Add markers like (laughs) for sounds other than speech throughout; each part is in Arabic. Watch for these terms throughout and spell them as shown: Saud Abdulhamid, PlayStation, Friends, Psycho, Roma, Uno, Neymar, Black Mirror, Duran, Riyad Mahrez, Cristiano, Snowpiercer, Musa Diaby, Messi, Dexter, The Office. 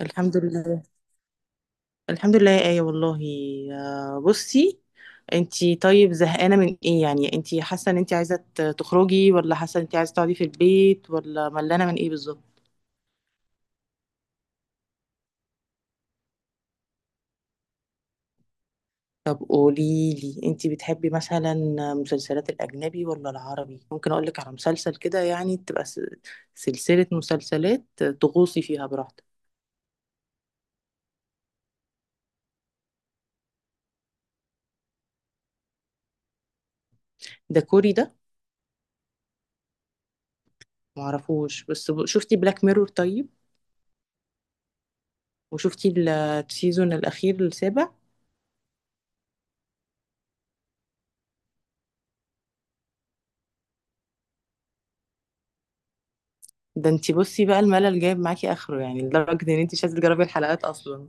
الحمد لله. الحمد لله يا آية والله. بصي، انتي طيب زهقانة من ايه؟ يعني انتي حاسة ان انتي عايزة تخرجي، ولا حاسة ان انتي عايزة تقعدي في البيت، ولا ملانة من ايه بالظبط؟ طب قوليلي، انتي بتحبي مثلا مسلسلات الأجنبي ولا العربي؟ ممكن أقولك على مسلسل كده يعني تبقى سلسلة مسلسلات تغوصي فيها براحتك. ده كوري ده؟ معرفوش، بس شفتي بلاك ميرور طيب؟ وشفتي السيزون الأخير السابع؟ ده انتي بصي بقى الملل جايب معاكي اخره، يعني لدرجة ان انتي مش عايزة تجربي الحلقات اصلا.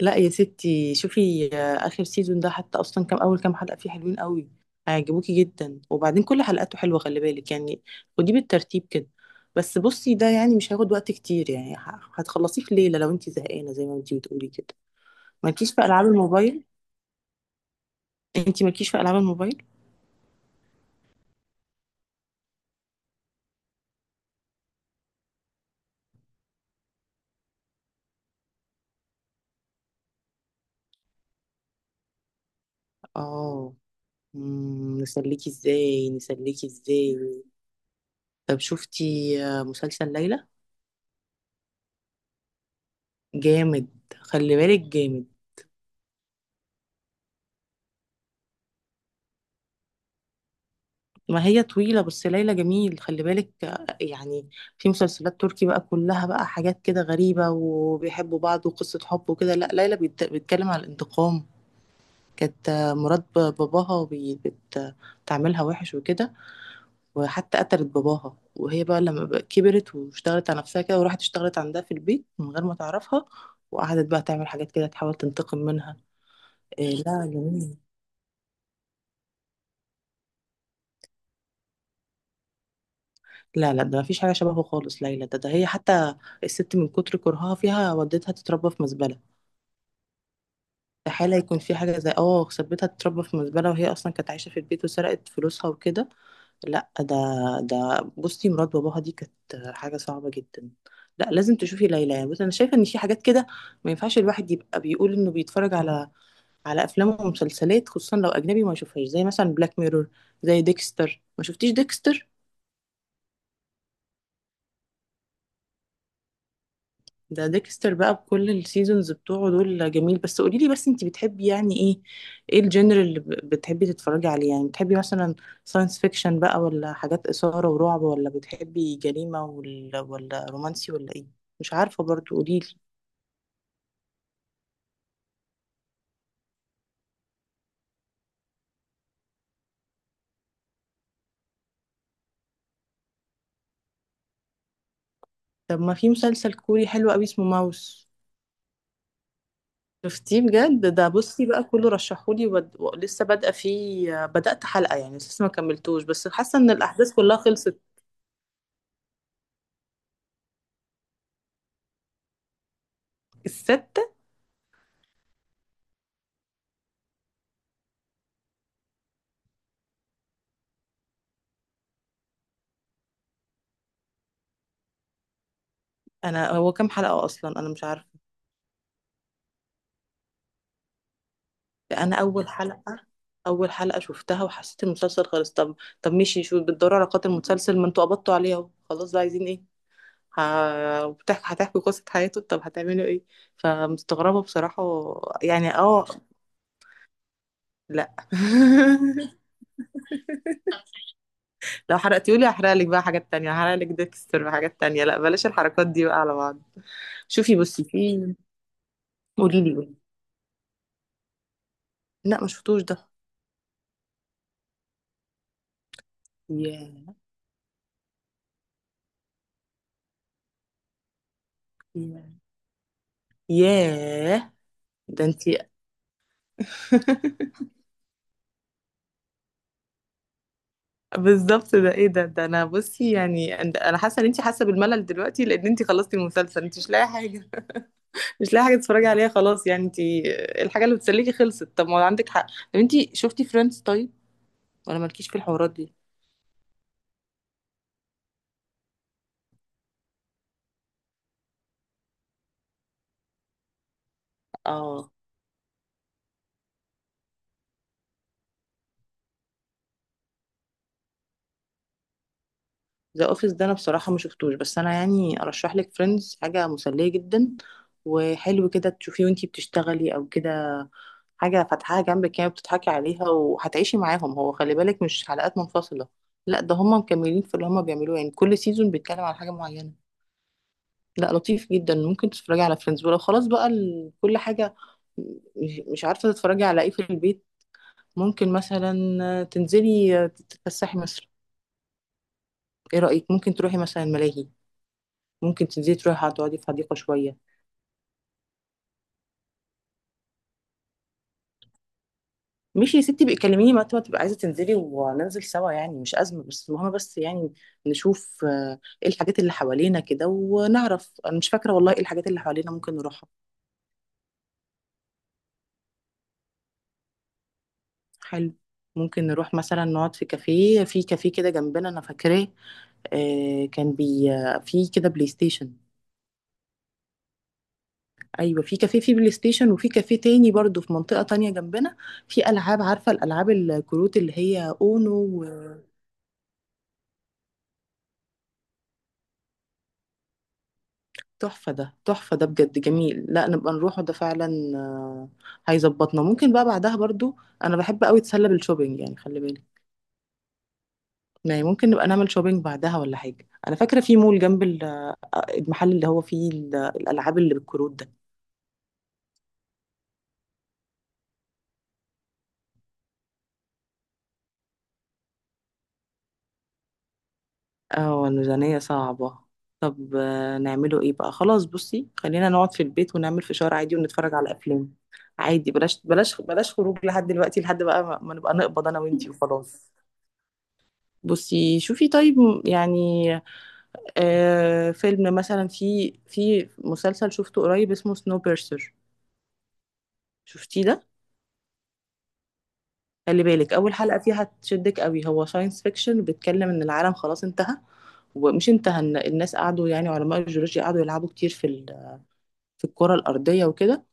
لا يا ستي شوفي، اخر سيزون ده حتى اصلا كام، اول كام حلقة فيه حلوين قوي، هيعجبوكي جدا. وبعدين كل حلقاته حلوة، خلي بالك يعني، ودي بالترتيب كده. بس بصي، ده يعني مش هياخد وقت كتير، يعني هتخلصيه في ليلة لو انتي زهقانة زي ما انتي بتقولي كده. مالكيش في العاب الموبايل؟ انتي مالكيش في العاب الموبايل؟ اه. نسليكي ازاي، نسليكي ازاي؟ طب شفتي مسلسل ليلى؟ جامد، خلي بالك جامد. ما هي طويلة بس ليلى جميل، خلي بالك يعني في مسلسلات تركي بقى كلها بقى حاجات كده غريبة وبيحبوا بعض وقصة حب وكده، لا ليلى بيتكلم على الانتقام. كانت مرات باباها بتعملها وحش وكده، وحتى قتلت باباها. وهي بقى لما بقى كبرت واشتغلت على نفسها كده، وراحت اشتغلت عندها في البيت من غير ما تعرفها، وقعدت بقى تعمل حاجات كده تحاول تنتقم منها. إيه لا جميل. لا لا، ده مفيش حاجة شبهه خالص. ليلى ده، ده هي حتى الست من كتر كرهها فيها ودتها تتربى في مزبلة. استحالة يكون في حاجة زي اه، سبتها تتربى في مزبلة، وهي أصلا كانت عايشة في البيت، وسرقت فلوسها وكده. لا ده، ده بصي مرات باباها دي كانت حاجة صعبة جدا. لا لازم تشوفي ليلى. يعني بصي، أنا شايفة إن في حاجات كده ما ينفعش الواحد يبقى بيقول إنه بيتفرج على، على أفلام ومسلسلات، خصوصا لو أجنبي، ما يشوفهاش، زي مثلا بلاك ميرور، زي ديكستر. ما شفتيش ديكستر؟ ده ديكستر بقى بكل السيزونز بتوعه دول جميل. بس قولي لي بس، انت بتحبي يعني ايه؟ ايه الجنر اللي بتحبي تتفرجي عليه؟ يعني بتحبي مثلا ساينس فيكشن بقى، ولا حاجات إثارة ورعب، ولا بتحبي جريمة، ولا رومانسي، ولا ايه؟ مش عارفة برضو، قولي لي. طب ما في مسلسل كوري حلو قوي اسمه ماوس. شفتيه؟ بجد ده بصي بقى كله رشحولي، لسه بادئه فيه، بدأت حلقة يعني، لسه ما كملتوش، بس حاسة ان الأحداث كلها خلصت. الستة؟ انا هو كام حلقة اصلا؟ انا مش عارفة. انا اول حلقه، اول حلقه شفتها وحسيت المسلسل خلص. طب، طب ماشي، شو بتدوروا على قاتل المسلسل؟ ما انتوا قبضتوا عليه اهو، خلاص بقى عايزين ايه؟ بتحكي هتحكي قصه حياته؟ طب هتعملوا ايه؟ فمستغربه بصراحه يعني اه. لا. (laughs) لو حرقتيولي هحرق لك بقى حاجات تانية، هحرق لك ديكستر وحاجات تانية. لا بلاش الحركات دي بقى على بعض. شوفي بصي في، قولي لي، قولي. لا ما شفتوش ده. ياه. ياه، ياه ده انتي. (laughs) بالظبط، ده ايه ده؟ ده انا بصي يعني، انا حاسه ان انت حاسه بالملل دلوقتي لان انت خلصتي المسلسل، انت مش لاقي حاجه. (laughs) مش لاقي حاجه تتفرجي عليها خلاص، يعني انت الحاجه اللي بتسليكي خلصت. طب ما عندك حق. طب انت شفتي فريندز طيب؟ ولا مالكيش في الحوارات دي؟ اه، ذا اوفيس ده انا بصراحه ما شفتوش، بس انا يعني ارشح لك فريندز، حاجه مسليه جدا، وحلو كده تشوفيه وانتي بتشتغلي او كده، حاجه فاتحاها جنبك كده بتضحكي عليها وهتعيشي معاهم. هو خلي بالك مش حلقات منفصله، لا ده هم مكملين في اللي هم بيعملوه، يعني كل سيزون بيتكلم على حاجه معينه. لا لطيف جدا، ممكن تتفرجي على فريندز. ولو خلاص بقى كل حاجه، مش عارفه تتفرجي على ايه في البيت، ممكن مثلا تنزلي تتفسحي مصر. ايه رايك؟ ممكن تروحي مثلا الملاهي، ممكن تنزلي تروحي هتقعدي في حديقة شوية. ماشي يا ستي، بقى كلميني متى ما تبقى عايزة تنزلي وننزل سوا، يعني مش أزمة. بس المهم بس يعني، نشوف ايه الحاجات اللي حوالينا كده ونعرف. أنا مش فاكرة والله ايه الحاجات اللي حوالينا ممكن نروحها. حلو، ممكن نروح مثلا نقعد في كافيه، في كافيه كده جنبنا أنا فاكراه، آه، كان بي آه، في كده بلاي ستيشن. ايوه في كافيه في بلاي ستيشن، وفي كافيه تاني برضو في منطقه تانية جنبنا، في العاب، عارفه الالعاب الكروت اللي هي اونو. تحفة ده، تحفة ده بجد جميل، لا نبقى نروحه ده فعلا. آه، هيظبطنا. ممكن بقى بعدها برضو، انا بحب قوي اتسلى بالشوبينج يعني خلي بالك، يعني ممكن نبقى نعمل شوبينج بعدها ولا حاجة. انا فاكرة في مول جنب المحل اللي هو فيه الالعاب اللي بالكروت ده. اه الميزانية صعبة. طب نعمله ايه بقى؟ خلاص بصي خلينا نقعد في البيت ونعمل فشار عادي ونتفرج على افلام عادي. بلاش، بلاش، بلاش خروج لحد دلوقتي، لحد بقى ما نبقى نقبض انا وانتي وخلاص. بصي شوفي طيب، يعني آه، فيلم مثلا، في، في مسلسل شفته قريب اسمه سنو بيرسر. شفتيه ده؟ خلي بالك اول حلقة فيها تشدك قوي. هو ساينس فيكشن، بيتكلم ان العالم خلاص انتهى. ومش انتهى، إن الناس قعدوا يعني علماء الجيولوجيا قعدوا يلعبوا كتير في في الكرة الأرضية وكده،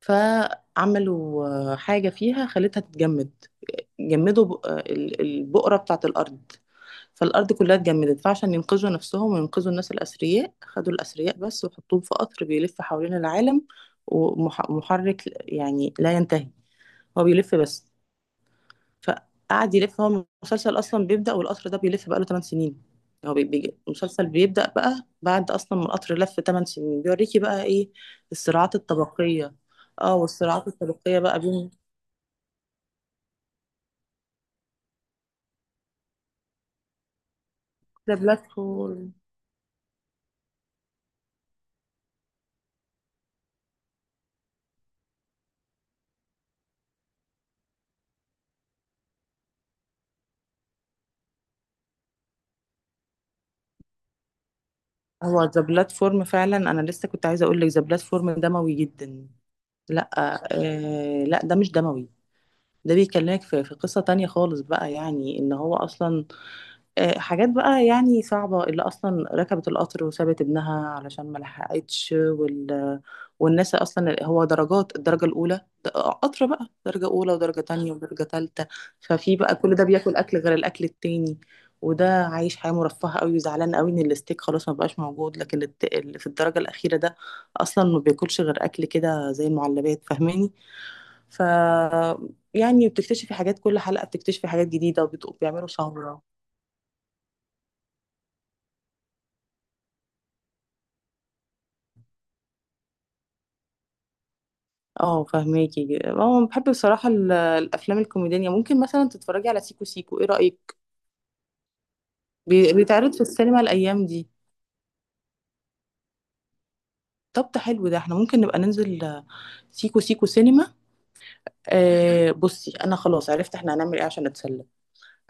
فعملوا حاجة فيها خلتها تتجمد. جمدوا البقرة بتاعت الأرض، فالأرض كلها اتجمدت. فعشان ينقذوا نفسهم وينقذوا الناس الأثرياء، خدوا الأثرياء بس وحطوهم في قطر بيلف حوالين العالم، ومحرك يعني لا ينتهي، هو بيلف بس. فقعد يلف، هو المسلسل اصلا بيبدأ والقطر ده بيلف بقاله 8 سنين. هو بيجي المسلسل بيبدأ بقى بعد اصلا ما القطر لف 8 سنين، بيوريكي بقى ايه الصراعات الطبقية. اه والصراعات الطبقية بقى بين. ذا بلاتفورم، هو ذا بلاتفورم فعلا انا لسه كنت عايزة اقول لك ذا بلاتفورم دموي جدا. لا، آه لا ده مش دموي. ده بيكلمك في، في قصة تانية خالص بقى، يعني ان هو اصلا حاجات بقى يعني صعبة، اللي أصلا ركبت القطر وسابت ابنها علشان ما لحقتش والناس أصلا. هو درجات، الدرجة الأولى، قطر بقى درجة أولى ودرجة تانية ودرجة تالتة. ففي بقى كل ده بياكل أكل غير الأكل التاني، وده عايش حياة مرفهة قوي وزعلان قوي إن الستيك خلاص ما بقاش موجود. لكن اللي في الدرجة الأخيرة ده أصلا ما بياكلش غير أكل كده زي المعلبات، فاهماني؟ ف يعني بتكتشفي حاجات، كل حلقة بتكتشفي حاجات جديدة، وبيعملوا ثورة. اه فهماكي. اه بحب بصراحة الأفلام الكوميدية، ممكن مثلا تتفرجي على سيكو سيكو، ايه رأيك؟ بيتعرض في السينما الأيام دي. طب ده حلو، ده احنا ممكن نبقى ننزل سيكو سيكو سينما. آه بصي، أنا خلاص عرفت احنا هنعمل ايه عشان نتسلى.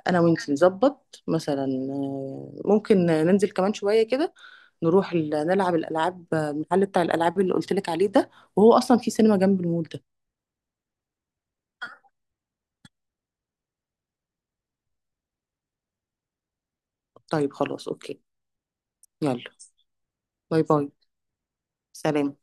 أنا وانتي نظبط مثلا، ممكن ننزل كمان شوية كده، نروح نلعب الألعاب، المحل بتاع الألعاب اللي قلتلك عليه ده، وهو أصلا في سينما جنب المول ده. طيب خلاص أوكي. يلا. باي باي. سلام.